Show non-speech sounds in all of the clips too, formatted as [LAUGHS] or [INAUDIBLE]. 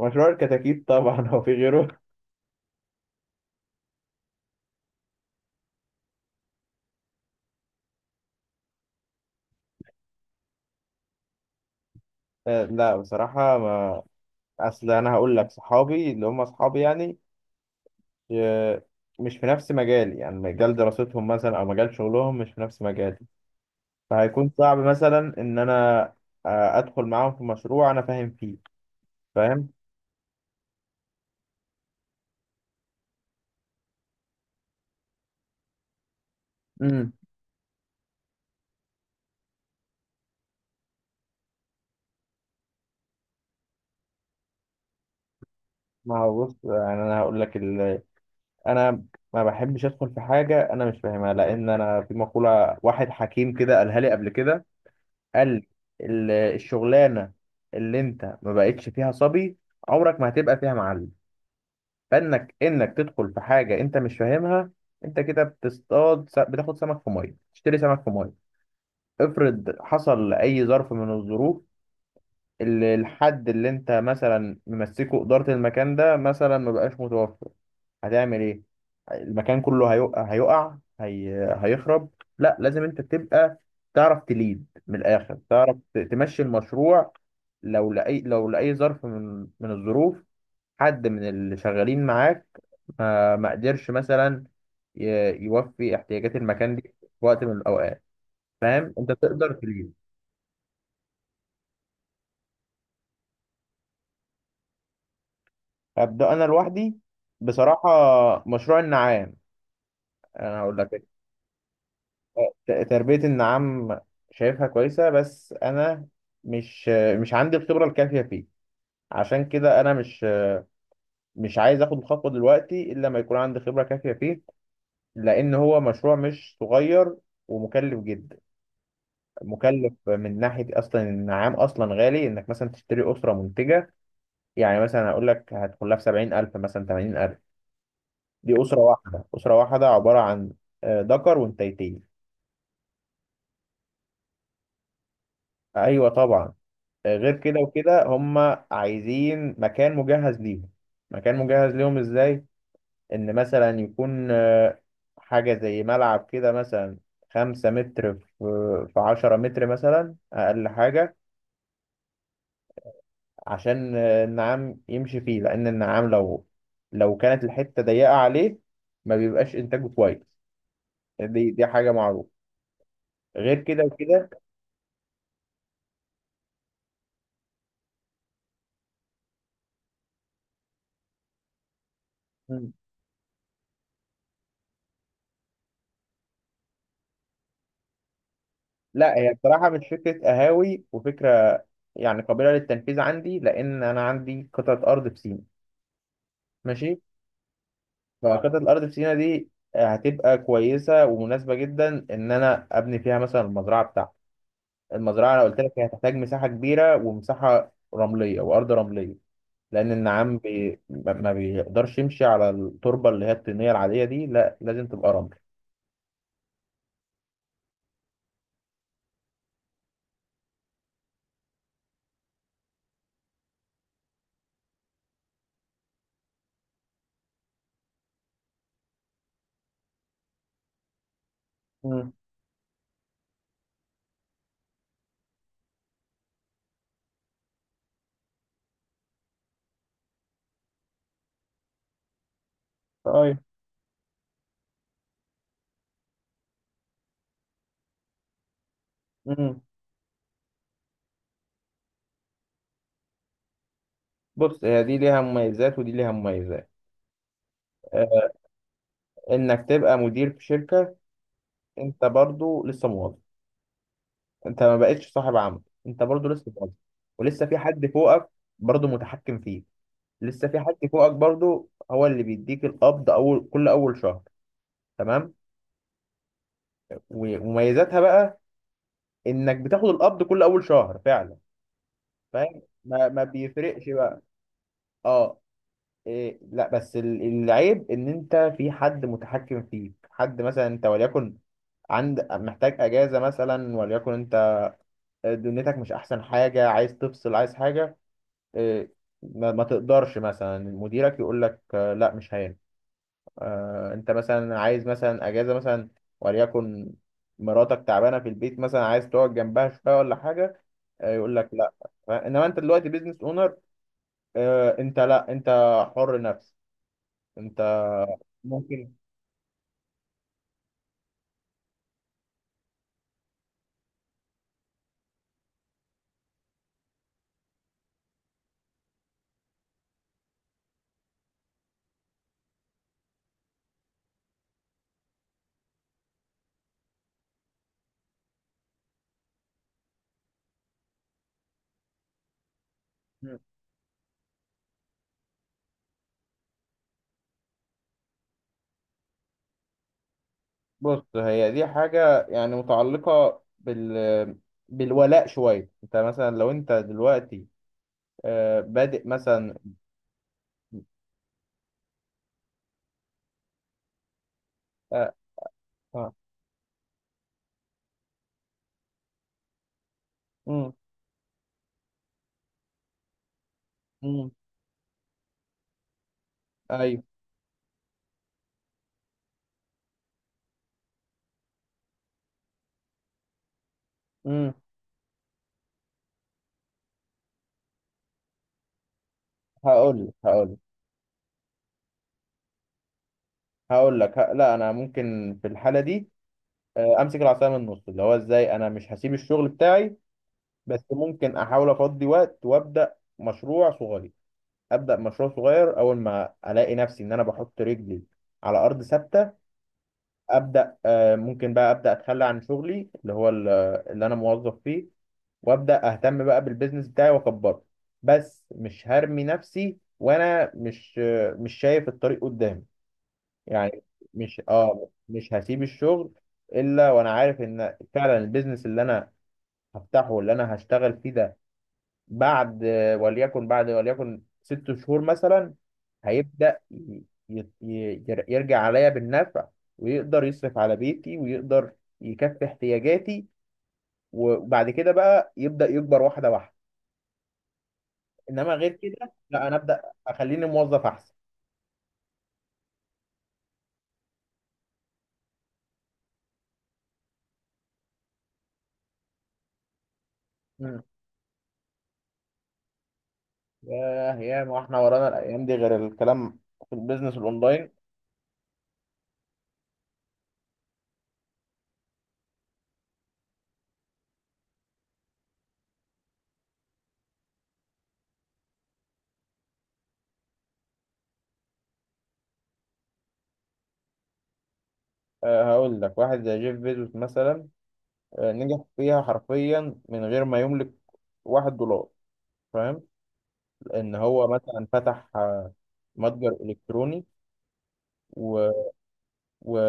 مشروع الكتاكيت طبعا [LAUGHS] هو في غيره. لا بصراحة ما أصل. أنا هقول لك صحابي اللي هم أصحابي يعني آه، مش في نفس مجالي، يعني مجال دراستهم مثلا أو مجال شغلهم مش في نفس مجالي. فهيكون صعب مثلا إن أنا أدخل معاهم في مشروع أنا فاهم فيه. فاهم؟ امم ما هو بص، يعني أنا هقول لك أنا ما بحبش أدخل في حاجة أنا مش فاهمها، لأن أنا في مقولة واحد حكيم كده قالها لي قبل كده. قال الشغلانه اللي انت ما بقتش فيها صبي، عمرك ما هتبقى فيها معلم. فانك تدخل في حاجه انت مش فاهمها، انت كده بتصطاد بتاخد سمك في ميه، تشتري سمك في ميه. افرض حصل اي ظرف من الظروف، الحد اللي انت مثلا ممسكه إدارة المكان ده مثلا ما بقاش متوفر، هتعمل ايه؟ المكان كله هيقع، هيخرب. لا لازم انت تبقى تعرف تليد من الآخر، تعرف تمشي المشروع. لو لأي ظرف من الظروف، حد من اللي شغالين معاك ما قدرش مثلا ي... يوفي احتياجات المكان دي في وقت من الأوقات، فاهم انت تقدر تليد. هبدأ أنا لوحدي بصراحة، مشروع النعام. أنا هقول لك تربية النعام شايفها كويسة، بس أنا مش، مش عندي الخبرة الكافية فيه. عشان كده أنا مش، مش عايز آخد الخطوة دلوقتي إلا لما يكون عندي خبرة كافية فيه، لأن هو مشروع مش صغير ومكلف جدا. مكلف من ناحية أصلا النعام أصلا غالي، إنك مثلا تشتري أسرة منتجة. يعني مثلا هقول لك هتدخل لها في 70000 مثلا 80000. دي أسرة واحدة، أسرة واحدة عبارة عن ذكر وانتيتين. أيوة طبعا. غير كده وكده هما عايزين مكان مجهز ليهم. مكان مجهز ليهم إزاي؟ إن مثلا يكون حاجة زي ملعب كده مثلا، خمسة متر في، في عشرة متر مثلا أقل حاجة. عشان النعام يمشي فيه، لأن النعام لو، لو كانت الحتة ضيقة عليه ما بيبقاش إنتاجه كويس، دي حاجة معروفة. غير كده وكده لا، هي بصراحة مش فكرة قهاوي وفكرة، يعني قابلة للتنفيذ عندي، لأن أنا عندي قطعة أرض في سينا. ماشي. فقطعة الأرض في سينا دي هتبقى كويسة ومناسبة جدا إن أنا أبني فيها مثلا المزرعة بتاعتي. المزرعة أنا قلت لك هي هتحتاج مساحة كبيرة ومساحة رملية وأرض رملية، لأن النعام ما بيقدرش يمشي على التربة اللي هي الطينية العادية دي، لا لازم تبقى رمل. امم طيب. مم. بص، هي دي ليها مميزات ودي ليها مميزات. آه، انك تبقى مدير في شركة، انت برضو لسه موظف، انت ما بقتش صاحب عمل، انت برضو لسه موظف، ولسه في حد فوقك برضو متحكم فيه. لسه في حد فوقك برضو هو اللي بيديك القبض اول، كل اول شهر. تمام. ومميزاتها بقى انك بتاخد القبض كل اول شهر فعلا. فاهم، ما بيفرقش بقى. اه. إيه لا، بس العيب ان انت في حد متحكم فيك، حد مثلا انت وليكن عند، محتاج اجازه مثلا، وليكن انت دنيتك مش احسن حاجه، عايز تفصل، عايز حاجه، إيه، ما تقدرش، مثلا مديرك يقول لك لا مش هينفع. انت مثلا عايز مثلا اجازه مثلا، وليكن مراتك تعبانه في البيت مثلا، عايز تقعد جنبها شويه ولا حاجه، يقول لك لا. انما انت دلوقتي بيزنس اونر، انت لا، انت حر نفسك، انت ممكن. مم. بص، هي دي حاجه يعني متعلقه بالولاء شويه. انت مثلا لو انت دلوقتي بادئ مثلا. آه، آه، مم، مم، ايوه. امم هقول لك هقول لك هقول لك لا، انا ممكن في الحاله دي امسك العصايه من النص، اللي هو ازاي، انا مش هسيب الشغل بتاعي، بس ممكن احاول افضي وقت وابدا مشروع صغير. ابدا مشروع صغير، اول ما الاقي نفسي ان انا بحط رجلي على ارض ثابته، ابدا ممكن بقى ابدا اتخلى عن شغلي اللي هو اللي انا موظف فيه، وابدا اهتم بقى بالبيزنس بتاعي واكبره. بس مش هرمي نفسي وانا مش، مش شايف الطريق قدامي يعني. مش اه، مش هسيب الشغل الا وانا عارف ان فعلا البيزنس اللي انا هفتحه، اللي انا هشتغل فيه ده، بعد، وليكن بعد، وليكن ست شهور مثلا، هيبدأ يرجع عليا بالنفع، ويقدر يصرف على بيتي ويقدر يكفي احتياجاتي، وبعد كده بقى يبدأ يكبر واحدة واحدة. انما غير كده لا، انا ابدأ، اخليني موظف احسن. مم. ياه ياه، ما احنا ورانا الايام دي غير الكلام في البيزنس الاونلاين. هقول لك واحد زي جيف بيزوس مثلا نجح فيها حرفيا من غير ما يملك واحد دولار. فاهم. لان هو مثلا فتح متجر الكتروني و... و...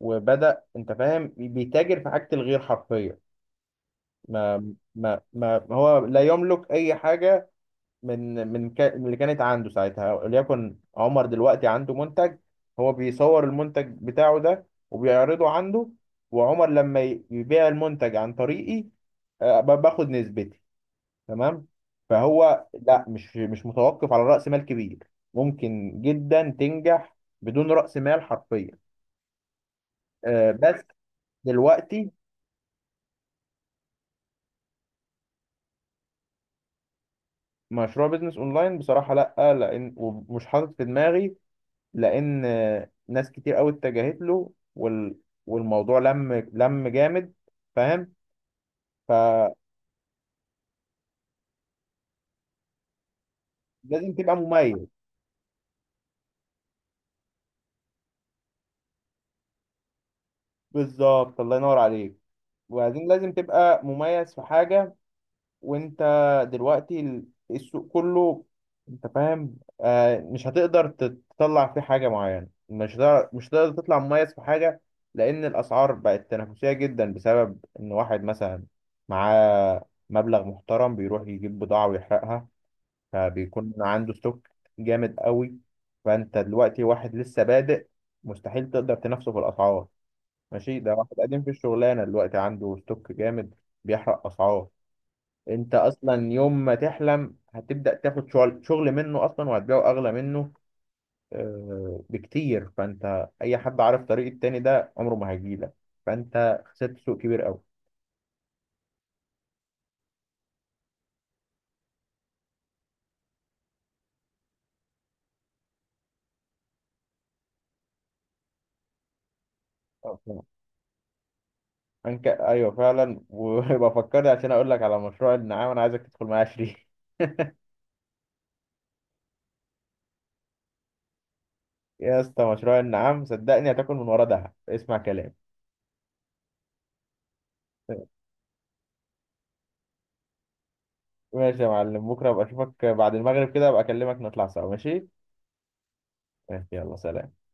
وبدأ انت فاهم بيتاجر في حاجة الغير حرفية. ما ما هو لا يملك اي حاجة من من اللي كانت عنده ساعتها. وليكن عمر دلوقتي عنده منتج، هو بيصور المنتج بتاعه ده وبيعرضه عنده، وعمر لما يبيع المنتج عن طريقي باخد نسبتي. تمام. فهو لا، مش، مش متوقف على رأس مال كبير، ممكن جدا تنجح بدون رأس مال حرفيا. بس دلوقتي مشروع بيزنس اونلاين بصراحة لا، لان ومش حاطط في دماغي، لان ناس كتير قوي اتجهت له، وال... والموضوع لم جامد. فاهم، فلازم تبقى مميز. بالظبط، الله ينور عليك. وبعدين لازم تبقى مميز في حاجة، وانت دلوقتي السوق كله، انت فاهم، آه مش هتقدر تطلع فيه حاجة معينة، مش هتقدر، مش هتقدر تطلع مميز في حاجة، لان الاسعار بقت تنافسية جدا بسبب ان واحد مثلا معاه مبلغ محترم بيروح يجيب بضاعة ويحرقها، فبيكون عنده ستوك جامد قوي. فانت دلوقتي واحد لسه بادئ، مستحيل تقدر تنافسه في الاسعار. ماشي ده واحد قديم في الشغلانه دلوقتي عنده ستوك جامد بيحرق اسعار، انت اصلا يوم ما تحلم هتبدا تاخد شغل منه اصلا، وهتبيعه اغلى منه بكتير. فانت اي حد عارف طريق التاني ده عمره ما هيجيلك، فانت خسرت سوق كبير قوي. ايوه فعلا، وبفكرني [LAUGHS] عشان اقول لك على مشروع النعام، انا عايزك تدخل معايا شريك. يا اسطى، مشروع النعام صدقني هتاكل من ورا دهب، اسمع كلام. ماشي يا معلم، بكره ابقى اشوفك بعد المغرب كده، ابقى اكلمك نطلع سوا ماشي. ماشي يلا سلام.